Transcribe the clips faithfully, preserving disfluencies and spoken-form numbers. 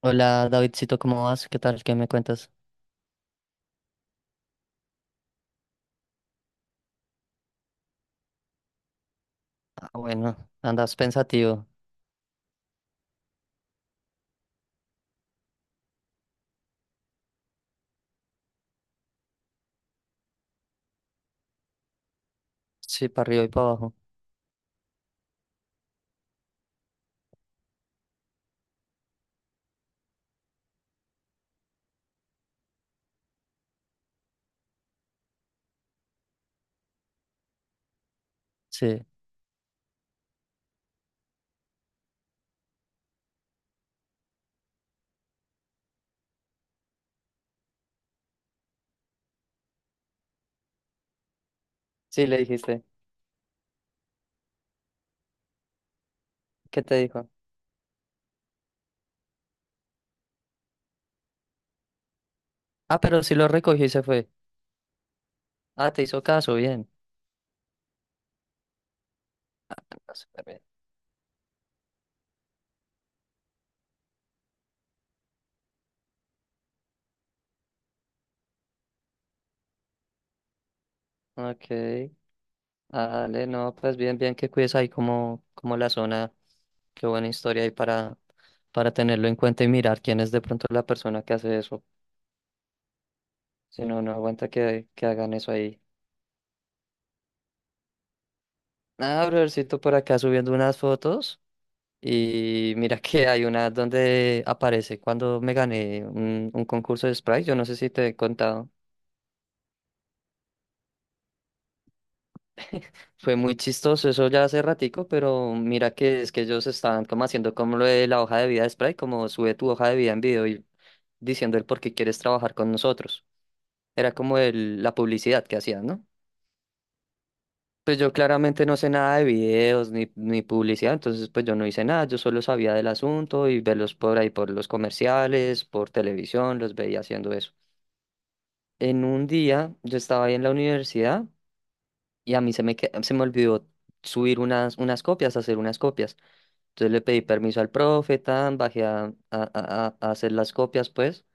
Hola Davidcito, ¿cómo vas? ¿Qué tal? ¿Qué me cuentas? Ah, bueno, andas pensativo. Sí, para arriba y para abajo. Sí. Sí, le dijiste. ¿Qué te dijo? Ah, pero sí lo recogió y se fue. Ah, te hizo caso, bien. Ah, súper bien. Ok. Dale, no, pues bien, bien que cuides ahí como, como la zona. Qué buena historia ahí para, para tenerlo en cuenta y mirar quién es de pronto la persona que hace eso. Si no, no aguanta que, que hagan eso ahí. Ah, brothercito, por acá subiendo unas fotos. Y mira que hay una donde aparece cuando me gané un, un concurso de Sprite, yo no sé si te he contado. Fue muy chistoso, eso ya hace ratico, pero mira que es que ellos estaban como haciendo como lo de la hoja de vida de Sprite, como sube tu hoja de vida en video y diciendo el por qué quieres trabajar con nosotros. Era como el, la publicidad que hacían, ¿no? Pues yo claramente no sé nada de videos ni, ni publicidad, entonces pues yo no hice nada, yo solo sabía del asunto y verlos por ahí por los comerciales, por televisión, los veía haciendo eso. En un día yo estaba ahí en la universidad y a mí se me, que- se me olvidó subir unas, unas copias, hacer unas copias. Entonces le pedí permiso al profe, tan, bajé a, a- a- a hacer las copias, pues.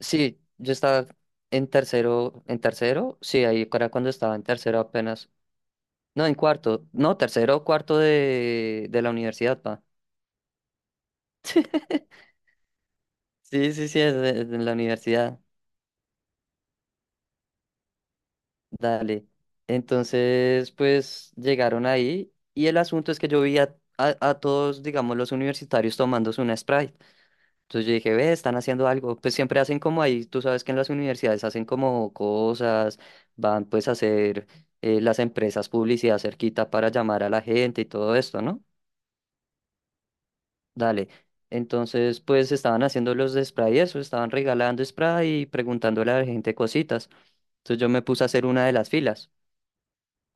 Sí, yo estaba en tercero, en tercero, sí, ahí era cuando estaba en tercero apenas. No, en cuarto, no, tercero o cuarto de, de la universidad, pa. Sí, sí, sí, es de, es de la universidad. Dale. Entonces, pues llegaron ahí y el asunto es que yo vi a, a- a todos, digamos, los universitarios tomándose una Sprite. Entonces yo dije, ve, están haciendo algo. Pues siempre hacen como ahí, tú sabes que en las universidades hacen como cosas, van pues a hacer eh, las empresas publicidad cerquita para llamar a la gente y todo esto, ¿no? Dale. Entonces, pues estaban haciendo los de Sprite eso, estaban regalando Sprite y preguntándole a la gente cositas. Entonces yo me puse a hacer una de las filas.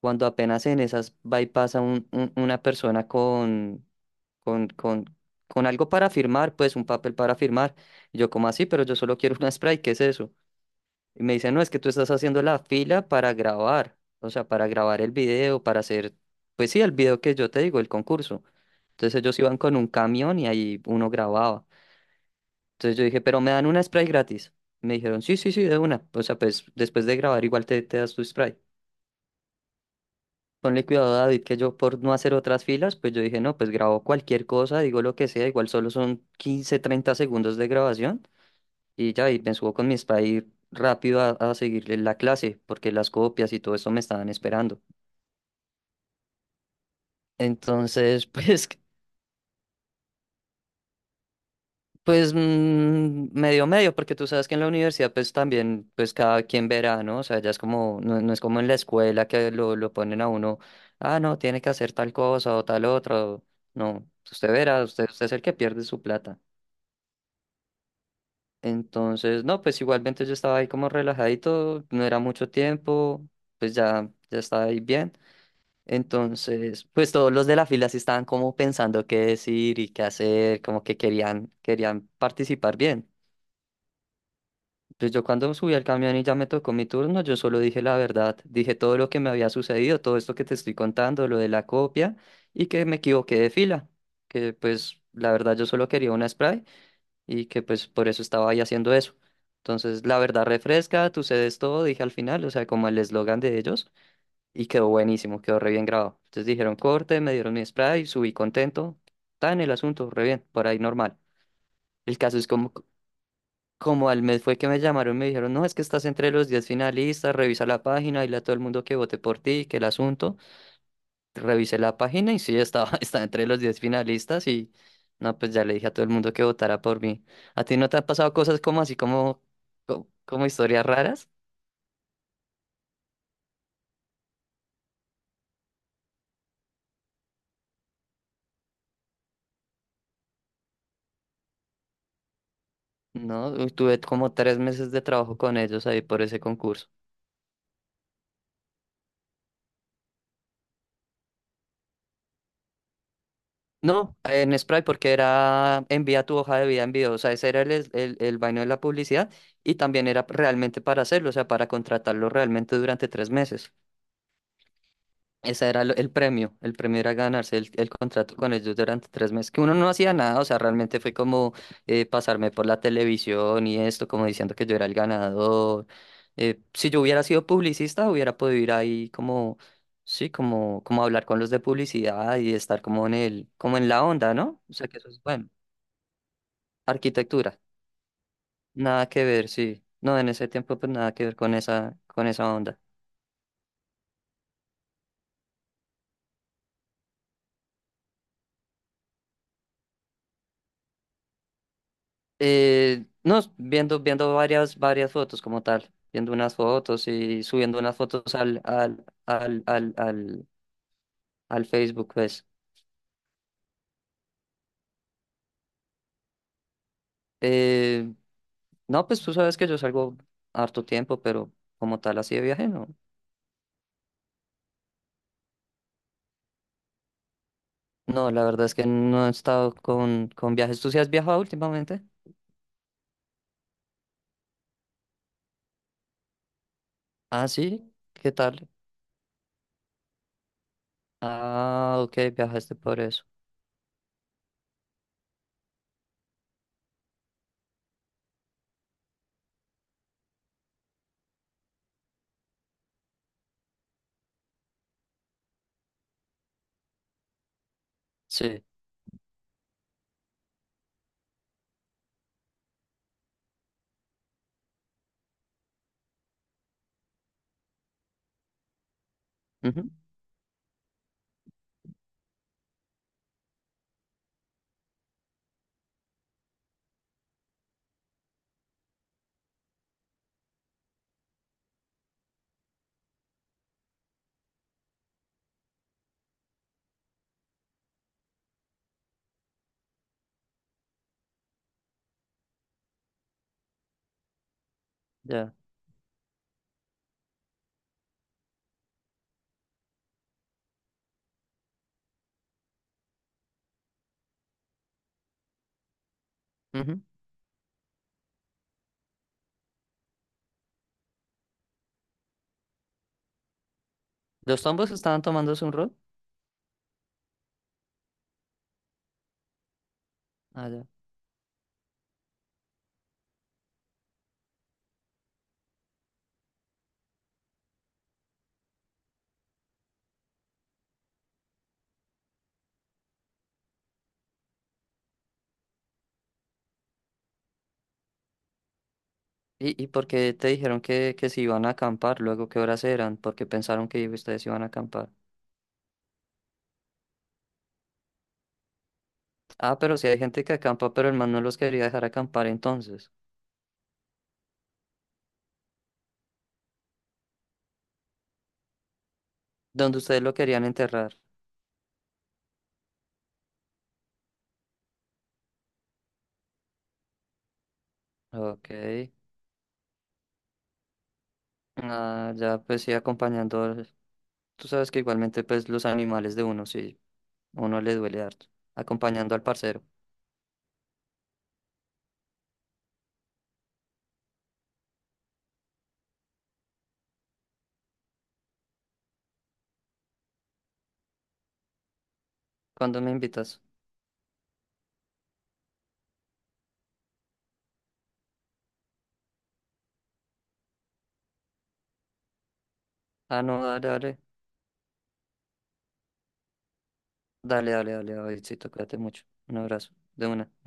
Cuando apenas en esas va y pasa un- un- una persona con, con, con, con algo para firmar, pues un papel para firmar. Y yo, ¿como así? Pero yo solo quiero una spray, ¿qué es eso? Y me dicen, no, es que tú estás haciendo la fila para grabar, o sea, para grabar el video, para hacer, pues sí, el video que yo te digo, el concurso. Entonces ellos iban con un camión y ahí uno grababa. Entonces yo dije, pero me dan una spray gratis. Me dijeron, sí, sí, sí, de una. O sea, pues después de grabar igual te, te das tu spray. Ponle cuidado, David, que yo por no hacer otras filas, pues yo dije, no, pues grabo cualquier cosa, digo lo que sea, igual solo son quince, treinta segundos de grabación y ya, y me subo con mi spa y rápido a, a seguirle la clase, porque las copias y todo eso me estaban esperando. Entonces, pues pues mm, medio medio, porque tú sabes que en la universidad pues también pues cada quien verá, ¿no? O sea, ya es como, no, no es como en la escuela que lo, lo ponen a uno, ah, no, tiene que hacer tal cosa o tal otro. No, usted verá, usted, usted es el que pierde su plata. Entonces, no, pues igualmente yo estaba ahí como relajadito, no era mucho tiempo, pues ya, ya estaba ahí bien. Entonces, pues todos los de la fila sí estaban como pensando qué decir y qué hacer, como que querían, querían participar bien. Pues yo cuando subí al camión y ya me tocó mi turno, yo solo dije la verdad, dije todo lo que me había sucedido, todo esto que te estoy contando, lo de la copia y que me equivoqué de fila, que pues la verdad yo solo quería una spray y que pues por eso estaba ahí haciendo eso. Entonces la verdad refresca, tú cedes todo, dije al final, o sea, como el eslogan de ellos y quedó buenísimo, quedó re bien grabado. Entonces dijeron corte, me dieron mi spray, subí contento, está en el asunto, re bien, por ahí normal. El caso es como como al mes fue que me llamaron, me dijeron, no, es que estás entre los diez finalistas, revisa la página, dile a todo el mundo que vote por ti, que el asunto. Revisé la página y sí, estaba, estaba entre los diez finalistas y no, pues ya le dije a todo el mundo que votara por mí. ¿A ti no te han pasado cosas como así, como, co- como, historias raras? No, uy, tuve como tres meses de trabajo con ellos ahí por ese concurso. No, en Sprite porque era envía tu hoja de vida en video, o sea, ese era el, es- el, el vaino de la publicidad y también era realmente para hacerlo, o sea, para contratarlo realmente durante tres meses. Ese era lo- el premio, el premio era ganarse el, el contrato con ellos durante tres meses, que uno no hacía nada, o sea, realmente fue como eh, pasarme por la televisión y esto, como diciendo que yo era el ganador. Eh, si yo hubiera sido publicista, hubiera podido ir ahí como, sí, como, como hablar con los de publicidad y estar como en el, como en la onda, ¿no? O sea, que eso es bueno. Arquitectura, nada que ver, sí. No, en ese tiempo pues nada que ver con esa, con esa onda. Eh, no, viendo, viendo varias, varias fotos como tal, viendo unas fotos y subiendo unas fotos al, al, al, al, al, al Facebook, pues. Eh, no, pues tú sabes que yo salgo harto tiempo, pero como tal así de viaje, no. No, la verdad es que no he estado con, con viajes. ¿Tú sí has viajado últimamente? Ah, sí, ¿qué tal? Ah, ok, viajaste por eso. Sí, ujú, ya. Ujú. ¿Los tombos estaban tomándose un rol? ¿Y, y por qué te dijeron que, que si iban a acampar? Luego, ¿qué horas eran? Porque pensaron que ustedes iban a acampar. Ah, pero si hay gente que acampa, pero el man no los quería dejar acampar entonces. Dónde ustedes lo querían enterrar. Ok. Ah, ya pues sí, acompañando. Al- Tú sabes que igualmente pues los animales de uno, sí, uno le duele harto. Acompañando al parcero. ¿Cuándo me invitas? Ah, no, dale, dale. Dale, dale, dale, Davidcito, cuídate mucho. Un abrazo. De una.